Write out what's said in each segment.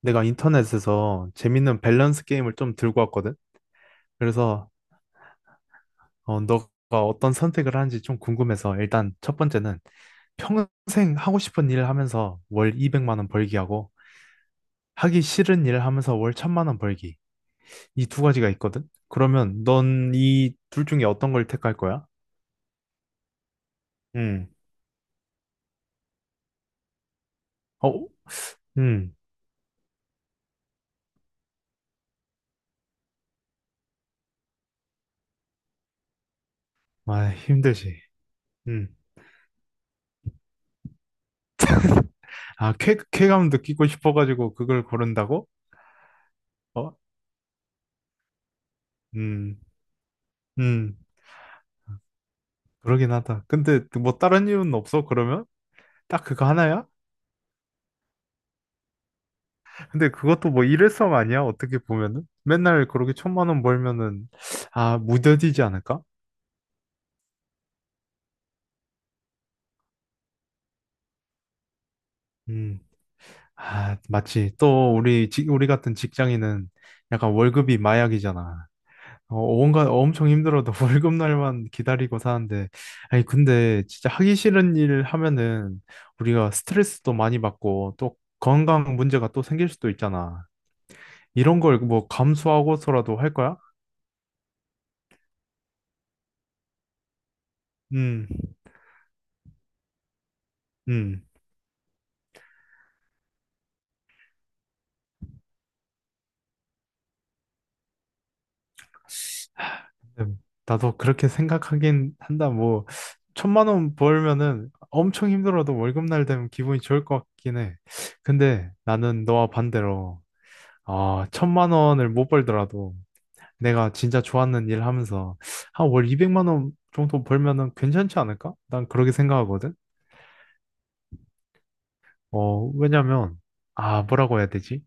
내가 인터넷에서 재밌는 밸런스 게임을 좀 들고 왔거든. 그래서 어, 너가 어떤 선택을 하는지 좀 궁금해서 일단 첫 번째는 평생 하고 싶은 일 하면서 월 200만 원 벌기 하고 하기 싫은 일 하면서 월 1000만 원 벌기. 이 두 가지가 있거든. 그러면 넌 이 둘 중에 어떤 걸 택할 거야? 음. 어? 음. 아, 힘들지. 음. 아, 쾌감 느끼고 싶어가지고 그걸 고른다고? 어? 음. 음. 그러긴 하다. 근데 그 뭐 다른 이유는 없어, 그러면? 딱 그거 하나야? 근데 그것도 뭐 일회성 아니야? 어떻게 보면은? 맨날 그렇게 천만 원 벌면은, 아, 무뎌지지 않을까? 음, 아, 맞지. 또 우리, 우리 같은 직장인은 약간 월급이 마약이잖아. 어, 뭔가 엄청 힘들어도 월급 날만 기다리고 사는데, 아니, 근데 진짜 하기 싫은 일 하면은 우리가 스트레스도 많이 받고 또 건강 문제가 또 생길 수도 있잖아. 이런 걸 뭐 감수하고서라도 할 거야? 음, 음. 나도 그렇게 생각하긴 한다. 뭐, 천만 원 벌면은 엄청 힘들어도 월급날 되면 기분이 좋을 것 같긴 해. 근데 나는 너와 반대로, 아, 천만 원을 못 벌더라도 내가 진짜 좋아하는 일 하면서, 아, 월 200만 원 정도 벌면은 괜찮지 않을까? 난 그렇게 생각하거든. 어, 왜냐면, 아, 뭐라고 해야 되지?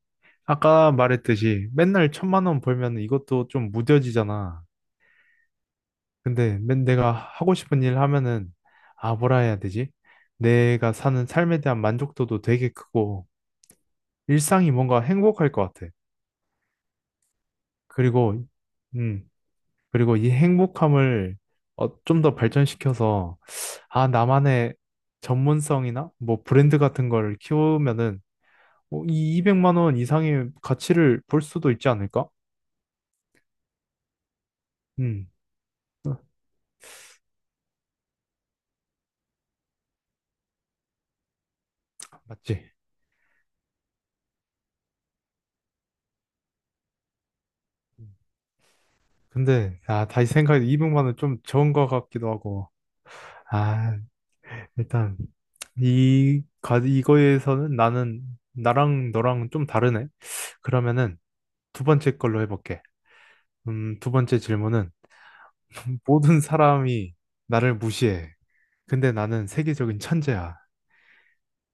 아까 말했듯이 맨날 천만 원 벌면 이것도 좀 무뎌지잖아. 근데 맨 내가 하고 싶은 일 하면은 아 뭐라 해야 되지? 내가 사는 삶에 대한 만족도도 되게 크고 일상이 뭔가 행복할 것 같아. 그리고 음 그리고 이 행복함을 어, 좀더 발전시켜서 아 나만의 전문성이나 뭐 브랜드 같은 걸 키우면은 뭐이 200만 원 이상의 가치를 볼 수도 있지 않을까? 음 어, 맞지? 음. 근데 아 다시 생각해 200만 원 좀 적은 것 같기도 하고. 아, 일단 이거에서는 나는 나랑 너랑 좀 다르네. 그러면은 두 번째 걸로 해볼게. 두 번째 질문은 모든 사람이 나를 무시해. 근데 나는 세계적인 천재야.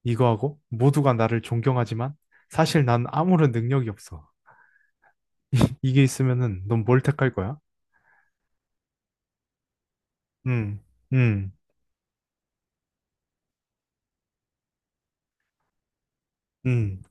이거하고 모두가 나를 존경하지만 사실 난 아무런 능력이 없어. 이게 있으면은 넌 뭘 택할 거야? 음, 음, 음.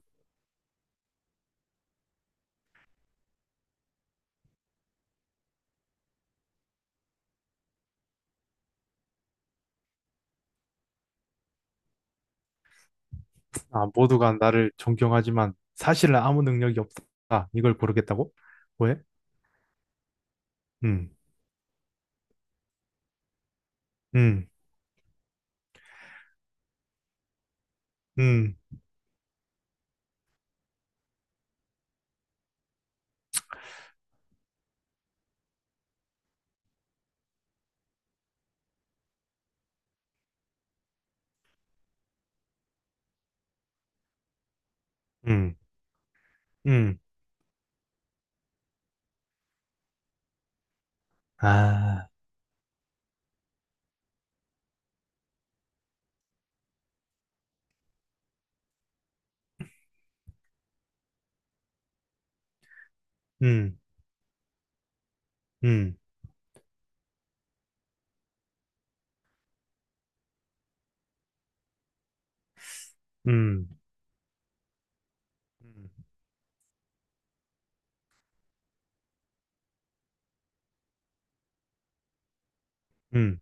아, 모두가 나를 존경하지만 사실은 아무 능력이 없다. 이걸 고르겠다고? 왜? 음, 음, 음. 음, 음, 아, 음, 음, 음, 음, 음.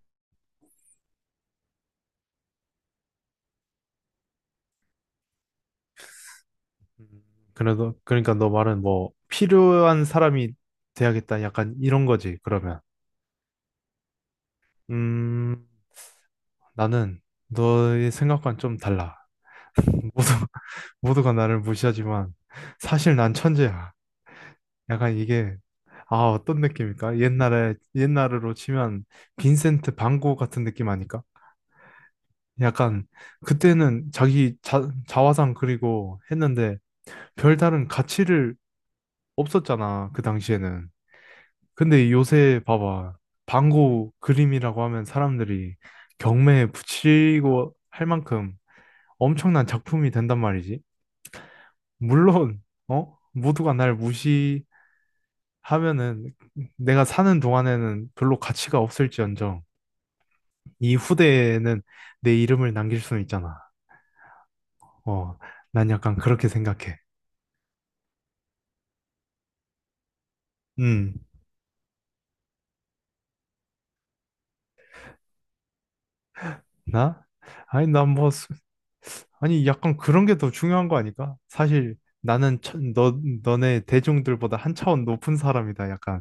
그래도, 그러니까 너 말은 뭐, 필요한 사람이 돼야겠다. 약간 이런 거지, 그러면. 음, 나는 너의 생각과는 좀 달라. 모두, 모두가 나를 무시하지만, 사실 난 천재야. 약간 이게, 아, 어떤 느낌일까? 옛날에, 옛날으로 치면, 빈센트 반 고흐 같은 느낌 아닐까? 약간, 그때는 자화상 그리고 했는데, 별다른 가치를 없었잖아, 그 당시에는. 근데 요새 봐봐. 방구 그림이라고 하면 사람들이 경매에 붙이고 할 만큼 엄청난 작품이 된단 말이지. 물론, 어? 모두가 날 무시하면은 내가 사는 동안에는 별로 가치가 없을지언정 이 후대에는 내 이름을 남길 수는 있잖아. 어, 난 약간 그렇게 생각해. 음, 나? 아니, 난뭐 아니, 약간 그런 게 더 중요한 거 아닐까? 사실 나는 너네 대중들보다 한 차원 높은 사람이다. 약간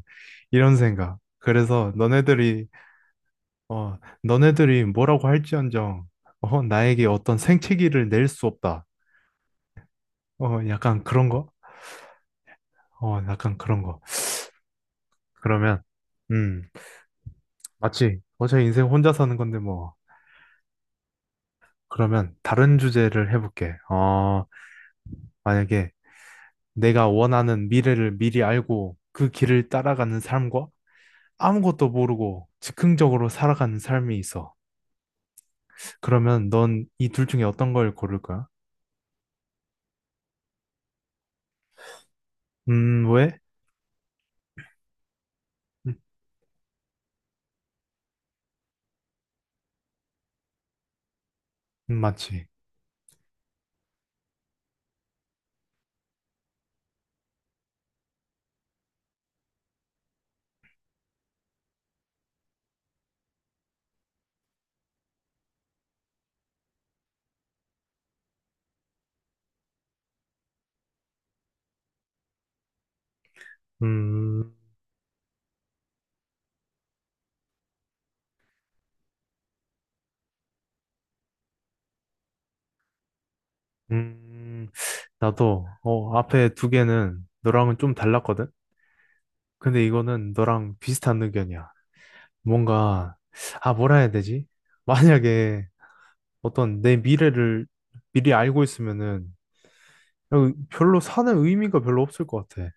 이런 생각. 그래서 너네들이, 어, 너네들이 뭐라고 할지언정, 어, 나에게 어떤 생채기를 낼 수 없다. 어, 약간 그런 거? 어, 약간 그런 거. 그러면, 음, 맞지. 어차피 인생 혼자 사는 건데 뭐. 그러면 다른 주제를 해볼게. 어, 만약에 내가 원하는 미래를 미리 알고 그 길을 따라가는 삶과 아무것도 모르고 즉흥적으로 살아가는 삶이 있어. 그러면 넌 이 둘 중에 어떤 걸 고를 거야? 왜? 음, 맞지. 음, 음, 나도, 어, 앞에 두 개는 너랑은 좀 달랐거든? 근데 이거는 너랑 비슷한 의견이야. 뭔가, 아, 뭐라 해야 되지? 만약에 어떤 내 미래를 미리 알고 있으면은 어, 별로 사는 의미가 별로 없을 것 같아.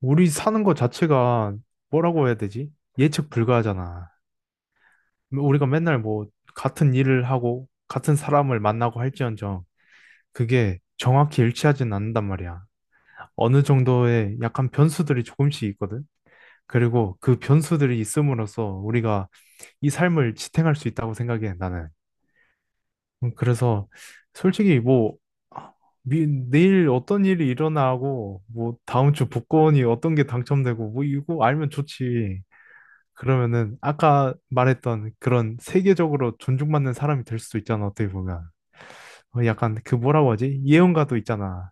우리 사는 것 자체가 뭐라고 해야 되지? 예측 불가하잖아. 뭐 우리가 맨날 뭐 같은 일을 하고 같은 사람을 만나고 할지언정 그게 정확히 일치하진 않는단 말이야. 어느 정도의 약간 변수들이 조금씩 있거든. 그리고 그 변수들이 있음으로써 우리가 이 삶을 지탱할 수 있다고 생각해, 나는. 그래서 솔직히 뭐 아, 내일 어떤 일이 일어나고 뭐 다음 주 복권이 어떤 게 당첨되고 뭐 이거 알면 좋지. 그러면은 아까 말했던 그런 세계적으로 존중받는 사람이 될 수도 있잖아, 어떻게 보면. 어, 약간 그 뭐라고 하지, 예언가도 있잖아.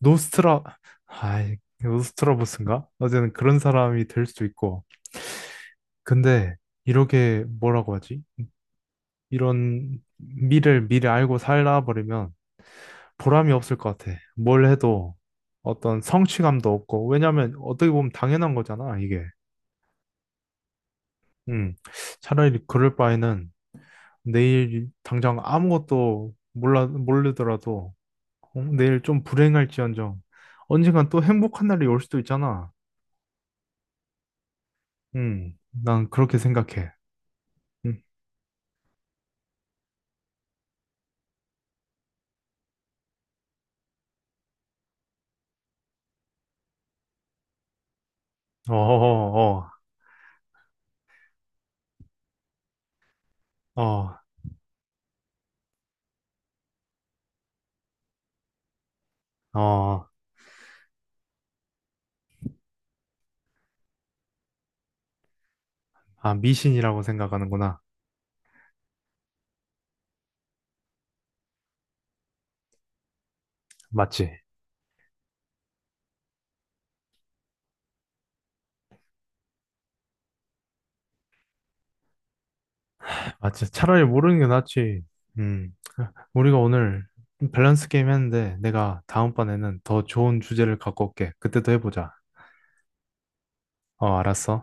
노스트라 노스트라보스인가 어쨌든 그런 사람이 될 수도 있고. 근데 이렇게 뭐라고 하지, 이런 미를 미리 알고 살다 버리면 보람이 없을 것 같아, 뭘 해도. 어떤 성취감도 없고, 왜냐면 어떻게 보면 당연한 거잖아 이게. 음, 차라리 그럴 바에는 내일 당장 아무것도 몰라, 모르더라도 어, 내일 좀 불행할지언정 언젠간 또 행복한 날이 올 수도 있잖아. 난 그렇게 생각해. 음, 어, 어, 어, 어, 어, 아, 미신이라고 생각하는구나. 맞지? 맞지. 차라리 모르는 게 낫지. 음, 우리가 오늘 밸런스 게임 했는데 내가 다음번에는 더 좋은 주제를 갖고 올게. 그때 또 해보자. 어, 알았어.